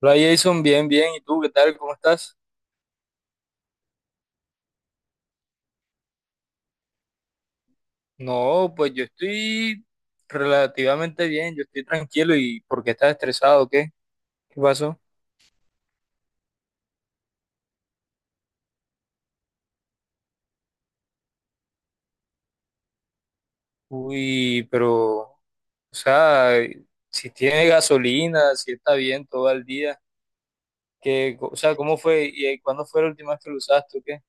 Hola Jason, bien, bien. ¿Y tú qué tal? ¿Cómo estás? No, pues yo estoy relativamente bien, yo estoy tranquilo. ¿Y por qué estás estresado? ¿O qué? ¿Qué pasó? Uy, pero, o sea, si tiene gasolina, si está bien todo el día, ¿qué, o sea, cómo fue y cuándo fue la última vez que lo usaste o qué?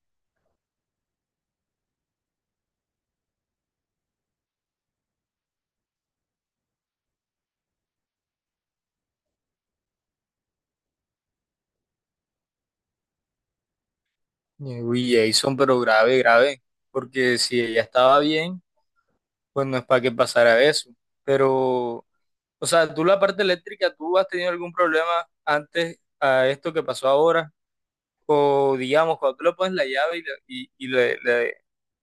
Uy, Jason, pero grave, grave, porque si ella estaba bien, pues no es para que pasara eso. Pero, o sea, tú la parte eléctrica, ¿tú has tenido algún problema antes a esto que pasó ahora? O digamos, cuando tú le pones la llave y,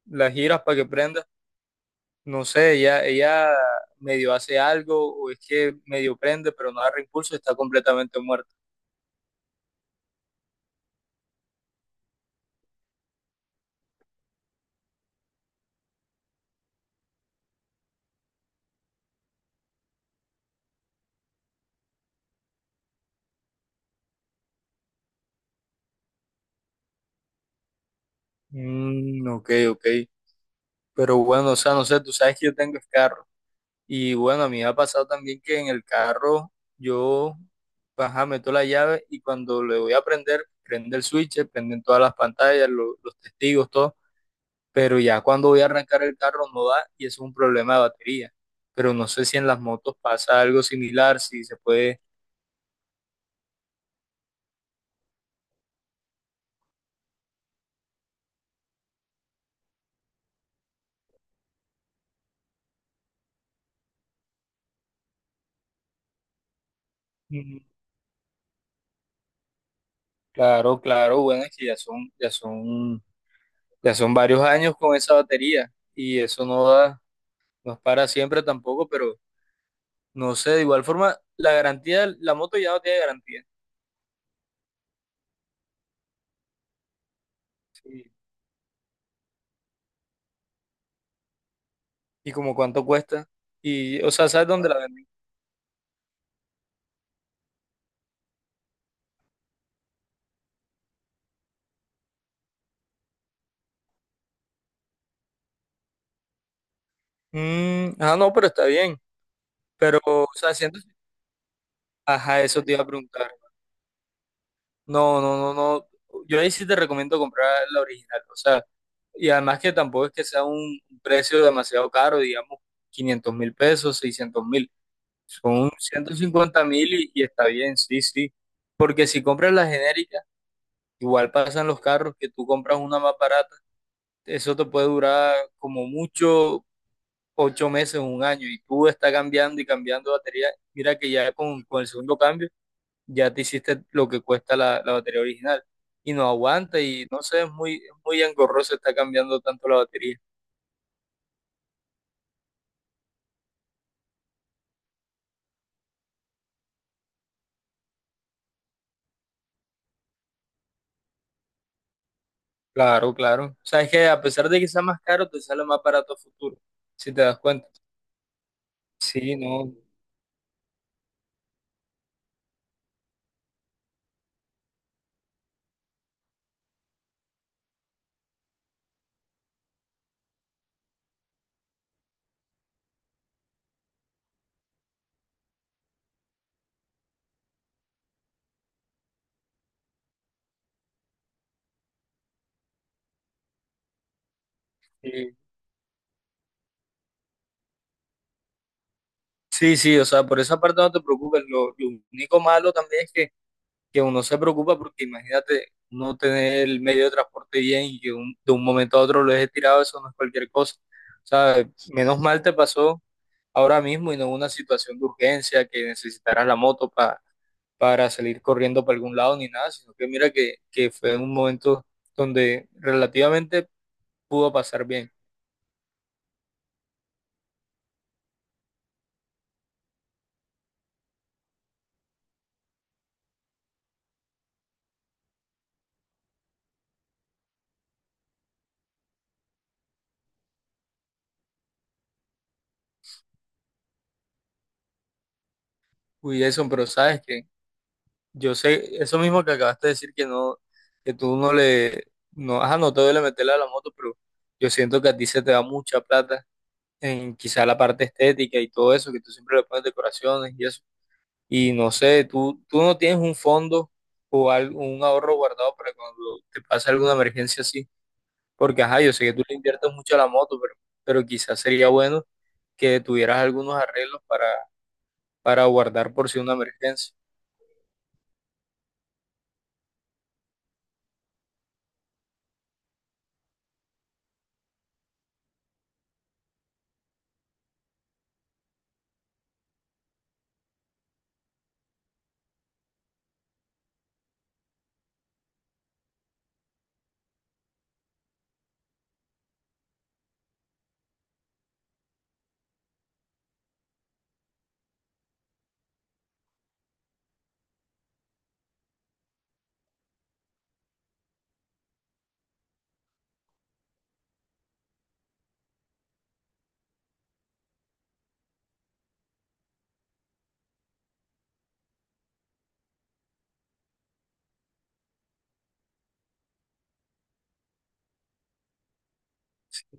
la giras para que prenda, no sé, ella medio hace algo o es que medio prende, pero no agarra impulso, está completamente muerta. Mm, ok, ok. Pero bueno, o sea, no sé, tú sabes que yo tengo es carro. Y bueno, a mí me ha pasado también que en el carro yo, ajá, meto la llave y cuando le voy a prender, prende el switch, prenden todas las pantallas, los testigos, todo, pero ya cuando voy a arrancar el carro no da y eso es un problema de batería. Pero no sé si en las motos pasa algo similar, si se puede. Mm. Claro, claro, bueno, es que ya son varios años con esa batería y eso no da, no es para siempre tampoco, pero no sé, de igual forma, la garantía, la moto ya no tiene garantía. Sí. ¿Y como cuánto cuesta? Y, o sea, ¿sabes dónde la venden? Mm, ah, no, pero está bien. Pero, o sea, siento. Ajá, eso te iba a preguntar. No, no, no, no. Yo ahí sí te recomiendo comprar la original. O sea, y además que tampoco es que sea un precio demasiado caro, digamos, 500.000 pesos, 600.000. Son 150.000 y está bien, sí, sí. Porque si compras la genérica, igual pasan los carros que tú compras una más barata. Eso te puede durar como mucho 8 meses, un año, y tú estás cambiando y cambiando de batería, mira que ya con, el segundo cambio ya te hiciste lo que cuesta la batería original y no aguanta y no sé, es muy engorroso estar cambiando tanto la batería. Claro, claro. O sea, es que a pesar de que sea más caro, te sale más barato a futuro, si te das cuenta. Sí, no. Sí, sí, sí, o sea, por esa parte no te preocupes. Lo único malo también es que uno se preocupa porque imagínate no tener el medio de transporte bien y que de un momento a otro lo dejes tirado, eso no es cualquier cosa. O sea, menos mal te pasó ahora mismo y no una situación de urgencia que necesitaras la moto para salir corriendo para algún lado ni nada, sino que mira que fue un momento donde relativamente pudo pasar bien. Uy, eso, pero sabes que yo sé, eso mismo que acabaste de decir que no, que tú no le, no, ajá, no te duele meterle a la moto, pero yo siento que a ti se te da mucha plata en quizá la parte estética y todo eso, que tú siempre le pones decoraciones y eso. Y no sé, tú no tienes un fondo o algo, un ahorro guardado para cuando te pase alguna emergencia así, porque ajá, yo sé que tú le inviertes mucho a la moto, pero, quizás sería bueno que tuvieras algunos arreglos para guardar por si una emergencia.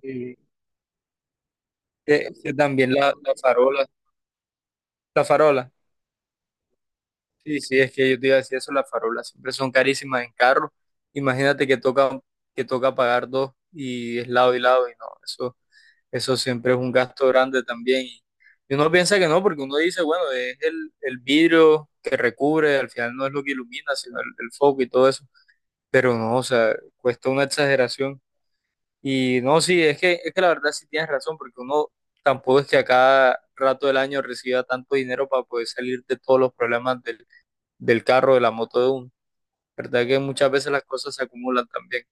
Y que también la farola. La farola. Sí, sí, es que yo te iba a decir eso, las farolas siempre son carísimas en carro. Imagínate que toca pagar dos y es lado y lado y no, eso siempre es un gasto grande también. Y uno piensa que no, porque uno dice, bueno, es el vidrio que recubre, al final no es lo que ilumina, sino el foco y todo eso. Pero no, o sea, cuesta una exageración. Y no, sí, es que, la verdad sí tienes razón, porque uno tampoco es que a cada rato del año reciba tanto dinero para poder salir de todos los problemas del carro, de la moto de uno. ¿Verdad que muchas veces las cosas se acumulan también?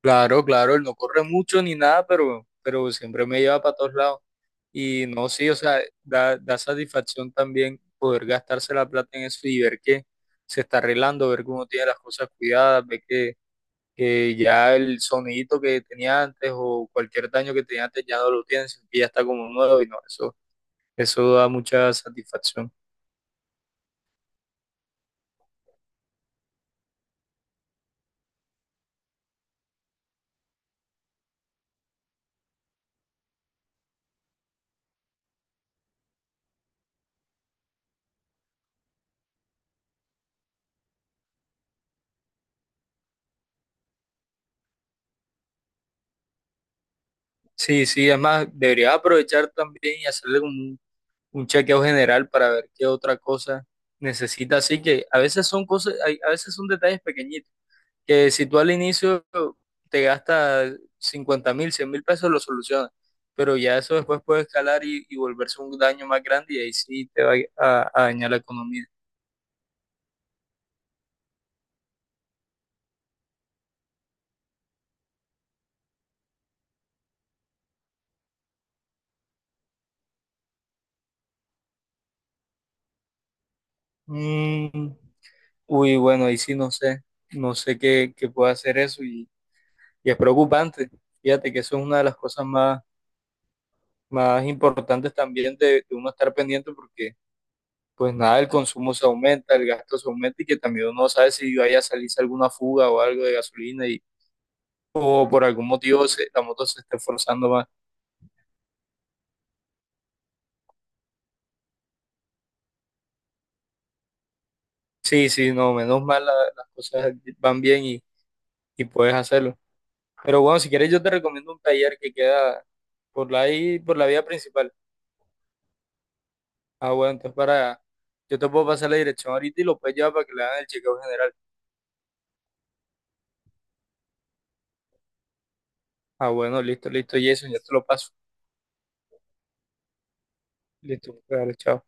Claro, claro, él no corre mucho ni nada, pero, siempre me lleva para todos lados. Y no, sí, o sea, da satisfacción también poder gastarse la plata en eso y ver que se está arreglando, ver que uno tiene las cosas cuidadas, ver que ya el sonidito que tenía antes o cualquier daño que tenía antes ya no lo tiene, sino que ya está como nuevo y no, eso da mucha satisfacción. Sí, sí, además debería aprovechar también y hacerle como un chequeo general para ver qué otra cosa necesita. Así que a veces son cosas, a veces son detalles pequeñitos, que si tú al inicio te gastas 50.000, 100.000 pesos, lo solucionas. Pero ya eso después puede escalar y volverse un daño más grande y ahí sí te va a, dañar la economía. Mm, uy, bueno, ahí sí no sé, no sé qué puede hacer eso y es preocupante. Fíjate que eso es una de las cosas más importantes también de uno estar pendiente porque pues nada, el consumo se aumenta, el gasto se aumenta y que también uno no sabe si vaya a salirse alguna fuga o algo de gasolina y o por algún motivo la moto se esté forzando más. Sí, sí, no, menos mal las cosas van bien y puedes hacerlo. Pero bueno, si quieres yo te recomiendo un taller que queda por la ahí, por la vía principal. Ah, bueno, entonces yo te puedo pasar la dirección ahorita y lo puedes llevar para que le hagan el chequeo general. Ah, bueno, listo, listo, Jason, ya te lo paso. Listo, dale, chao.